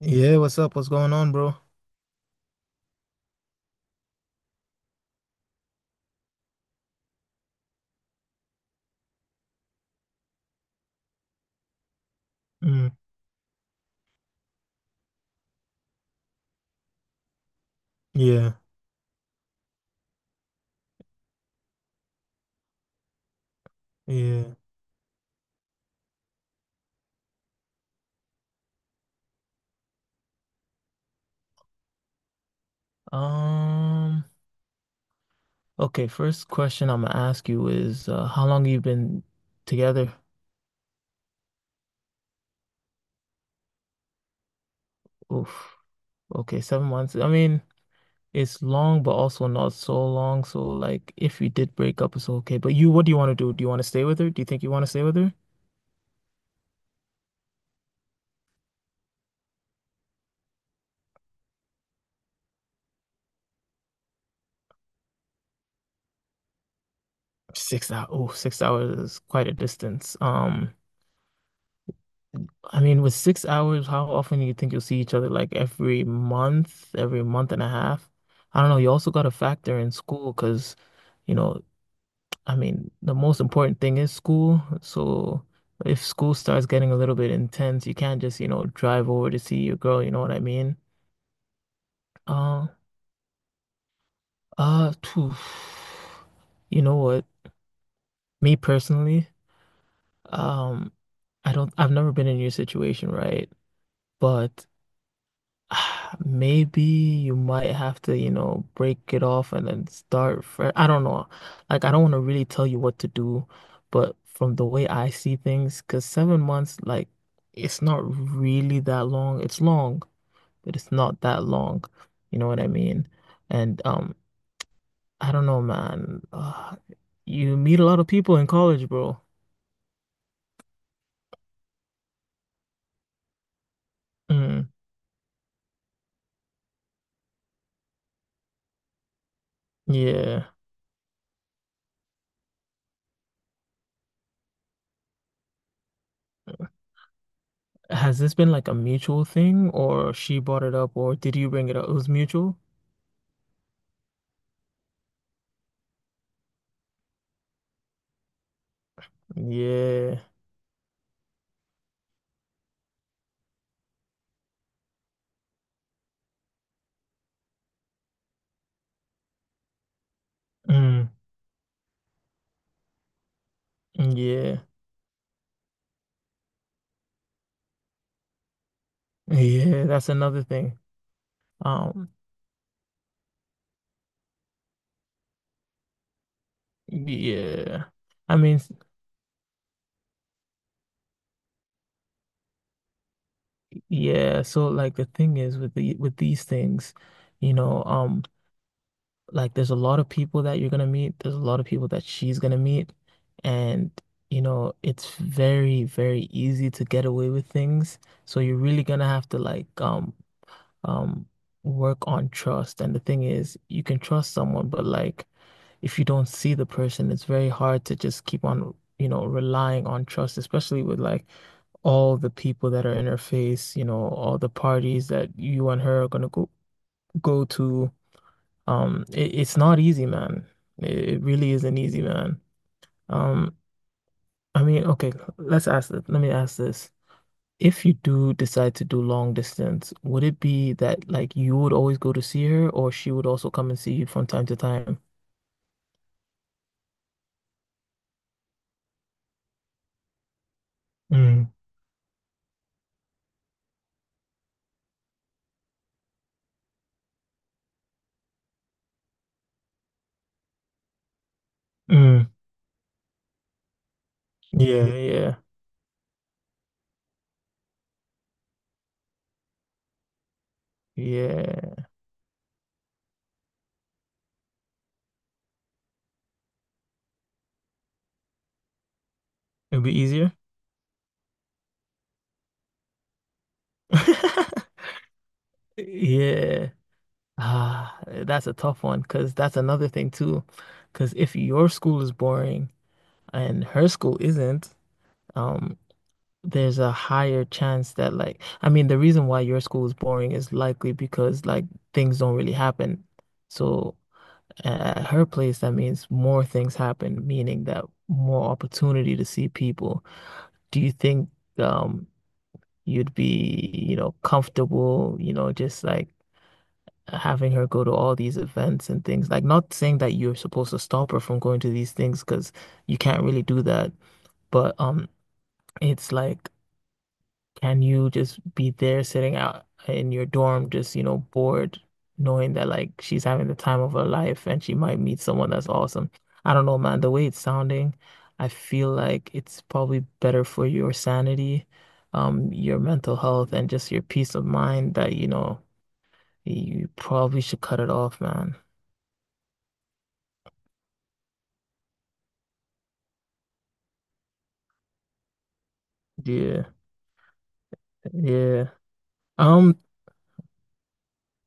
Yeah, what's up? What's going on, bro? Mm, yeah, yeah. Um, okay, first question I'm gonna ask you is how long you been together? Oof. Okay, 7 months. I mean, it's long, but also not so long. So like if you did break up, it's okay. But you, what do you want to do? Do you want to stay with her? Do you think you want to stay with her? 6 hours. Oh, 6 hours is quite a distance. I mean, with 6 hours, how often do you think you'll see each other? Like every month and a half? I don't know. You also got to factor in school because, you know, I mean, the most important thing is school. So if school starts getting a little bit intense, you can't just, you know, drive over to see your girl. You know what I mean? Uh, Phew. You know what? Me personally, um, I've never been in your situation, right? But. Maybe you might have to, you know, break it off and then start fresh. I don't know. Like, I don't want to really tell you what to do, but from the way I see things, because 7 months, like, it's not really that long. It's long, but it's not that long. You know what I mean? And I don't know, man. You meet a lot of people in college, bro. Mm, yeah. Has this been like a mutual thing, or she brought it up, or did you bring it up? It was mutual? Yeah. Mm, yeah. Yeah, that's another thing. Um, yeah. I mean, s- yeah, so like the thing is with the with these things, you know, like there's a lot of people that you're gonna meet, there's a lot of people that she's gonna meet, and you know, it's very, very easy to get away with things. So you're really gonna have to um work on trust. And the thing is, you can trust someone, but like if you don't see the person, it's very hard to just keep on, you know, relying on trust, especially with like all the people that are in her face, you know, all the parties that you and her are gonna go to. It's not easy, man. It really isn't easy, man. Um, I mean, okay, let's ask this. Let me ask this. If you do decide to do long distance, would it be that like you would always go to see her, or she would also come and see you from time to time? Mm, mm, yeah, yeah, yeah. It would be easier. Yeah. Ah, that's a tough one because that's another thing too. Because if your school is boring and her school isn't, um, there's a higher chance that like, I mean, the reason why your school is boring is likely because like things don't really happen. So at her place, that means more things happen, meaning that more opportunity to see people. Do you think um you'd be, you know, comfortable, you know, just like having her go to all these events and things. Like, not saying that you're supposed to stop her from going to these things because you can't really do that. But it's like, can you just be there sitting out in your dorm, just, you know, bored, knowing that like she's having the time of her life and she might meet someone that's awesome. I don't know, man. The way it's sounding, I feel like it's probably better for your sanity, your mental health, and just your peace of mind that, you know, you probably should cut it off, man. Yeah, yeah. Um,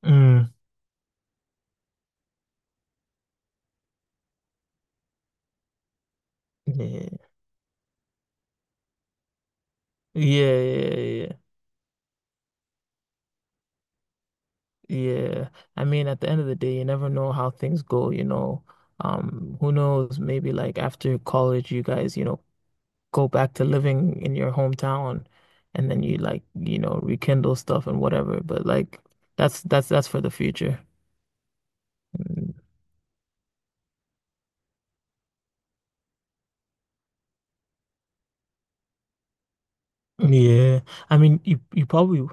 mm, yeah, yeah, yeah, yeah, yeah. I mean, at the end of the day, you never know how things go, you know. Who knows? Maybe like after college, you guys, you know, go back to living in your hometown, and then you like, you know, rekindle stuff and whatever. But like, that's for the future. Mm, yeah, I mean, you you probably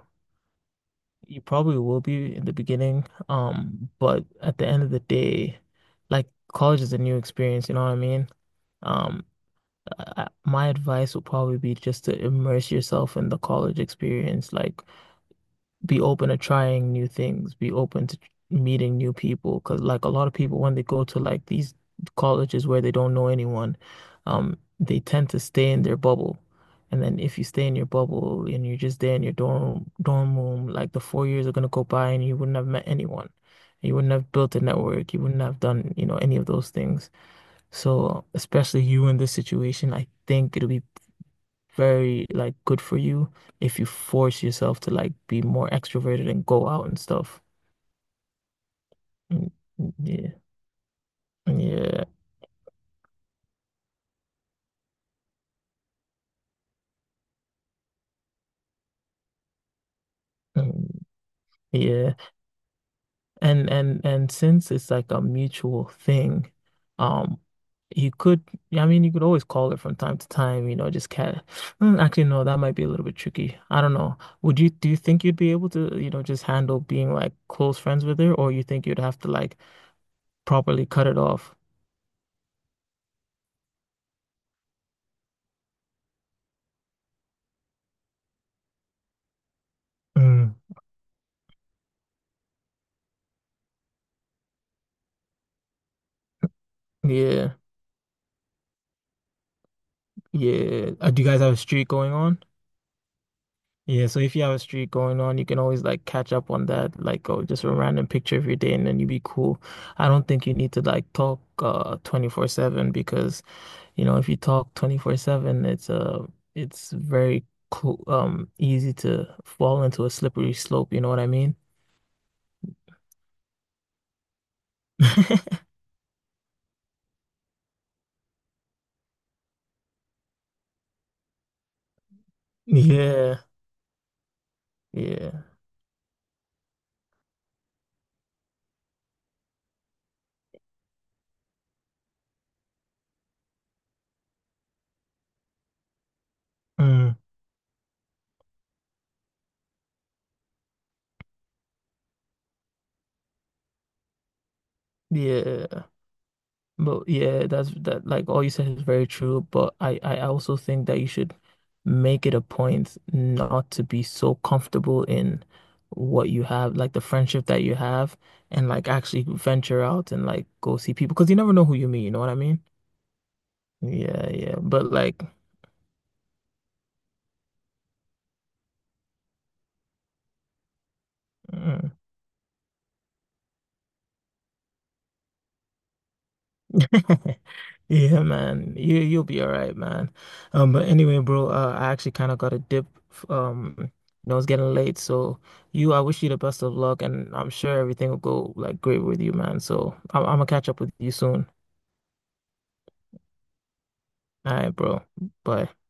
You probably will be in the beginning, but at the end of the day, like college is a new experience, you know what I mean? Um, my advice would probably be just to immerse yourself in the college experience. Like, be open to trying new things, be open to meeting new people. Because like a lot of people, when they go to like these colleges where they don't know anyone, they tend to stay in their bubble. And then if you stay in your bubble and you're just there in your dorm room, like the 4 years are gonna go by and you wouldn't have met anyone. You wouldn't have built a network. You wouldn't have done, you know, any of those things. So, especially you in this situation, I think it'll be very like good for you if you force yourself to like be more extroverted and go out and stuff. Mm, mm, yeah. Yeah. Mm, yeah. And and since it's like a mutual thing, um you could I mean you could always call it from time to time, you know, just cat Mm, actually no, that might be a little bit tricky. I don't know. Would you do you think you'd be able to, you know, just handle being like close friends with her or you think you'd have to like properly cut it off? Mm. Yeah. Yeah. Do you guys have a streak going on? Yeah, so if you have a streak going on, you can always like catch up on that, like oh, just a random picture of your day and then you be cool. I don't think you need to like talk 24/7 because, you know, if you talk 24/7, it's very cool easy to fall into a slippery slope, you know what I mean? Yeah. Yeah. Mm. Yeah. But yeah, that's that like all you said is very true, but I also think that you should make it a point not to be so comfortable in what you have, like the friendship that you have, and like actually venture out and like go see people because you never know who you meet, you know what I mean? Yeah, yeah. But like mm, yeah, man. You'll be all right, man. But anyway, bro, I actually kind of got a dip. You know, it's getting late, so I wish you the best of luck, and I'm sure everything will go like great with you, man. So I'm gonna catch up with you soon. All right, bro. Bye.